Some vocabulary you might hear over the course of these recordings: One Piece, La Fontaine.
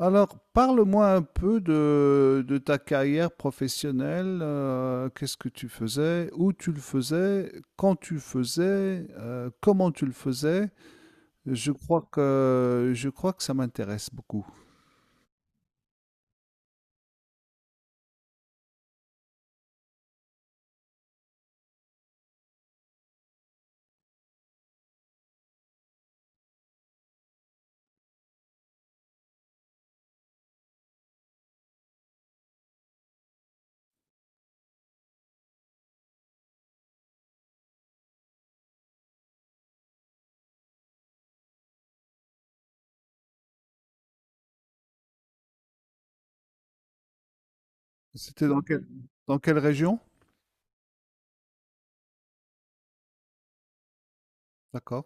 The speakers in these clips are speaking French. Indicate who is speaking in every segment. Speaker 1: Alors, parle-moi un peu de ta carrière professionnelle. Qu'est-ce que tu faisais, où tu le faisais, quand tu le faisais, comment tu le faisais. Je crois que ça m'intéresse beaucoup. C'était dans quelle région? D'accord.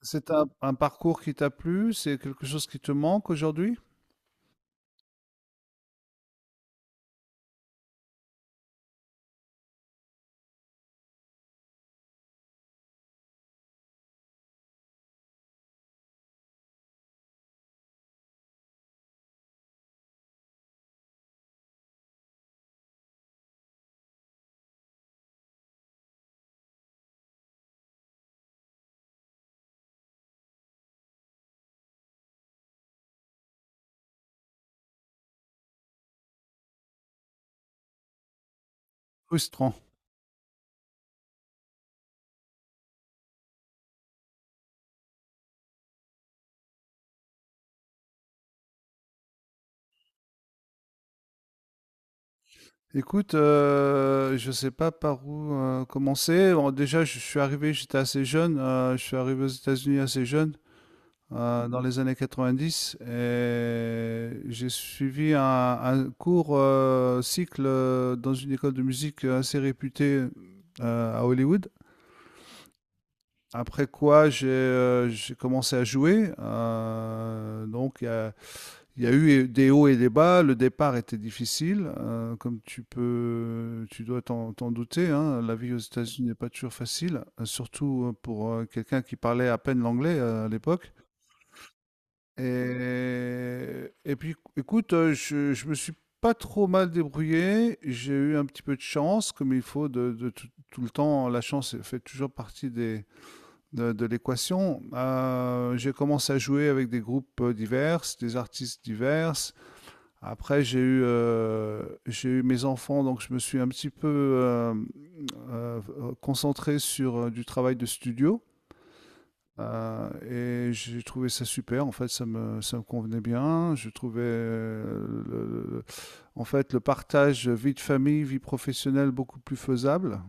Speaker 1: C'est un parcours qui t'a plu? C'est quelque chose qui te manque aujourd'hui? Frustrant. Écoute, je ne sais pas par où commencer. Bon, déjà, je suis arrivé, j'étais assez jeune. Je suis arrivé aux États-Unis assez jeune, dans les années 90, et j'ai suivi un court cycle dans une école de musique assez réputée à Hollywood. Après quoi, j'ai commencé à jouer. Donc, il y a eu des hauts et des bas. Le départ était difficile, comme tu dois t'en douter, hein. La vie aux États-Unis n'est pas toujours facile, surtout pour quelqu'un qui parlait à peine l'anglais à l'époque. Et puis, écoute, je me suis pas trop mal débrouillé. J'ai eu un petit peu de chance, comme il faut de tout, tout le temps. La chance fait toujours partie de l'équation. J'ai commencé à jouer avec des groupes divers, des artistes divers. Après, j'ai eu mes enfants, donc je me suis un petit peu euh, concentré sur du travail de studio. Euh, et j'ai trouvé ça super. En fait, ça me convenait bien. Je trouvais, en fait, le partage vie de famille, vie professionnelle beaucoup plus faisable.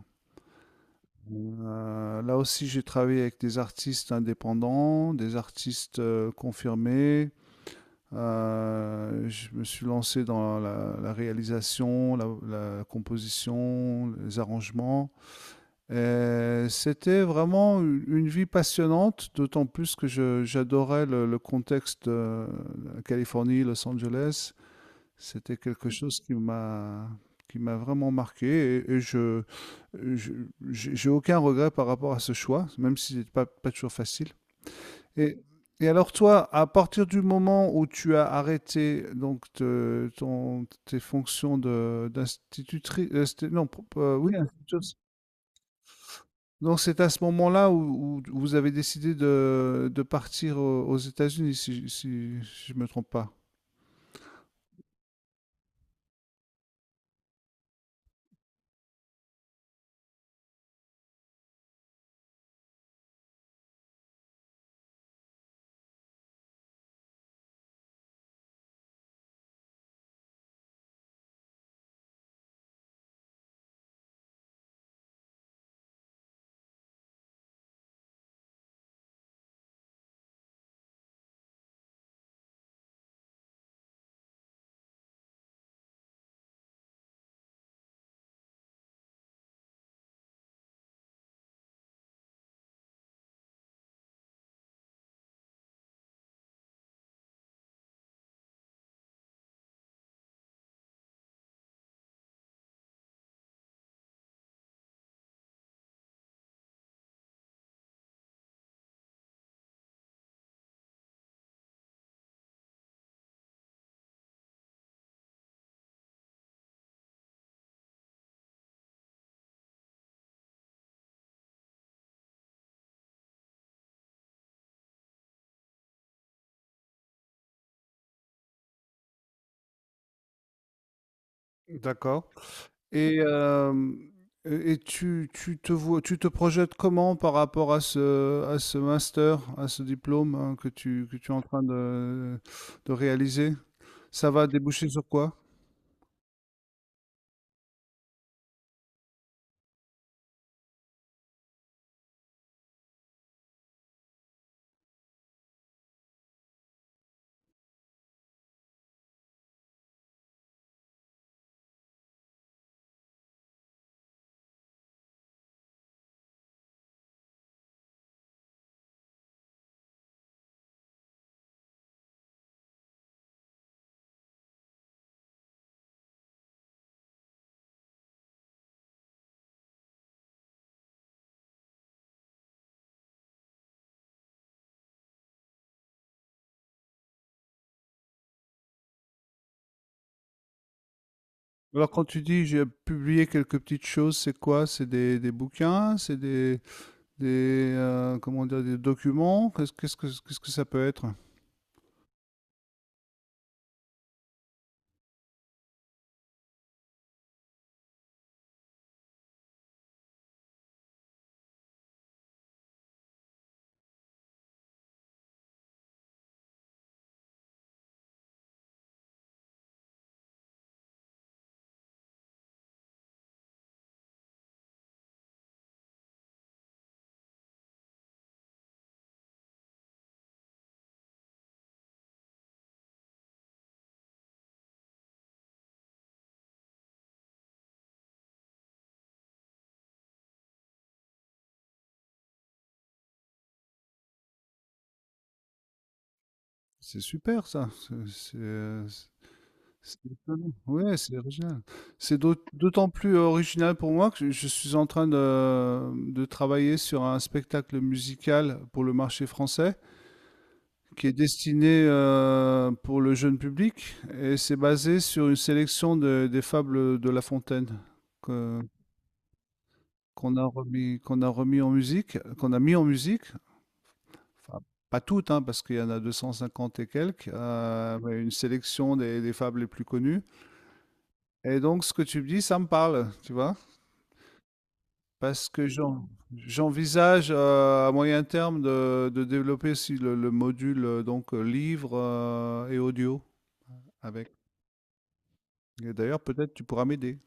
Speaker 1: Là aussi, j'ai travaillé avec des artistes indépendants, des artistes confirmés. Je me suis lancé dans la réalisation, la composition, les arrangements. Et c'était vraiment une vie passionnante, d'autant plus que j'adorais le contexte de la Californie, Los Angeles. C'était quelque chose qui m'a vraiment marqué, et je- j'ai aucun regret par rapport à ce choix, même si c'est pas toujours facile. Et et alors toi, à partir du moment où tu as arrêté donc tes fonctions de d'institutrice, non, oui, donc c'est à ce moment-là où vous avez décidé de partir aux États-Unis, si je ne me trompe pas. D'accord. Et, euh, et tu te vois, tu te projettes comment par rapport à ce master, à ce diplôme, hein, que tu es en train de réaliser? Ça va déboucher sur quoi? Alors, quand tu dis j'ai publié quelques petites choses, c'est quoi? C'est des bouquins, c'est des comment dire, des documents? Qu'est-ce que ça peut être? C'est super, ça, c'est étonnant. Ouais, c'est original. C'est d'autant plus original pour moi que je suis en train de travailler sur un spectacle musical pour le marché français qui est destiné, pour le jeune public, et c'est basé sur une sélection de des fables de La Fontaine que qu'on a remis en musique, qu'on a mis en musique. Enfin, pas toutes, hein, parce qu'il y en a 250 et quelques, mais une sélection des fables les plus connues. Et donc, ce que tu me dis, ça me parle, tu vois, parce que j'envisage à moyen terme de développer aussi le module, livre et audio avec. Et d'ailleurs, peut-être tu pourras m'aider.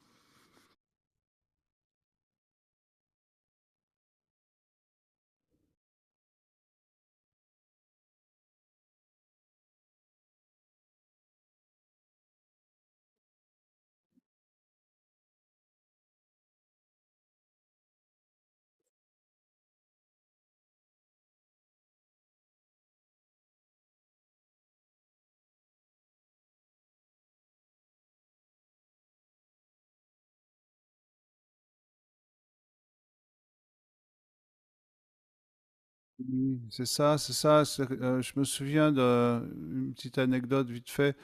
Speaker 1: Oui, c'est ça, c'est ça. Je me souviens d'une petite anecdote vite fait.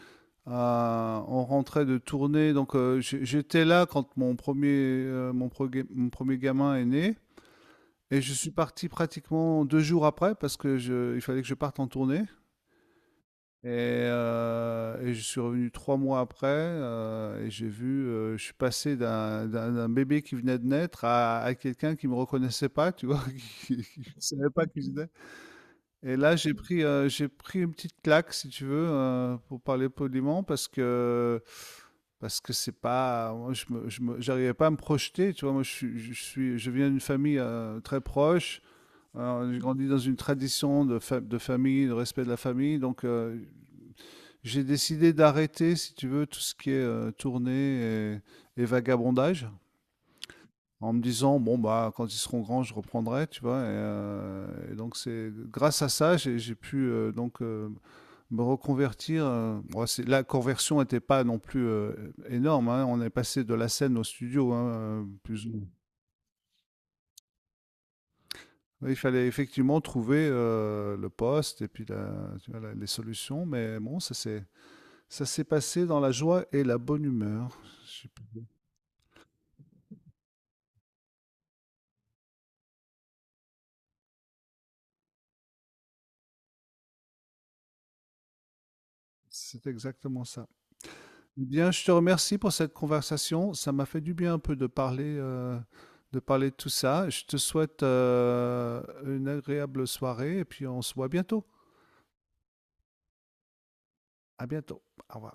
Speaker 1: On rentrait de tournée, donc j'étais là quand mon premier gamin est né, et je suis parti pratiquement 2 jours après parce que il fallait que je parte en tournée. Et je suis revenu 3 mois après, et je suis passé d'un bébé qui venait de naître à quelqu'un qui me reconnaissait pas, tu vois, qui ne savait pas qui j'étais. Et là, j'ai pris une petite claque, si tu veux, pour parler poliment, parce que c'est pas moi, je me j'arrivais pas à me projeter, tu vois? Moi, je viens d'une famille, très proche. J'ai grandi dans une tradition de famille, de respect de la famille, donc j'ai décidé d'arrêter, si tu veux, tout ce qui est, tournée et vagabondage, en me disant bon, bah, quand ils seront grands, je reprendrai, tu vois. Et donc c'est grâce à ça j'ai pu me reconvertir. Bon, la conversion n'était pas non plus énorme, hein. On est passé de la scène au studio, hein, plus ou moins. Oui, il fallait effectivement trouver le poste et puis tu vois, les solutions, mais bon, ça s'est passé dans la joie et la bonne humeur. Je sais plus si c'est exactement ça. Bien, je te remercie pour cette conversation. Ça m'a fait du bien un peu de parler de tout ça. Je te souhaite une agréable soirée, et puis on se voit bientôt. À bientôt. Au revoir.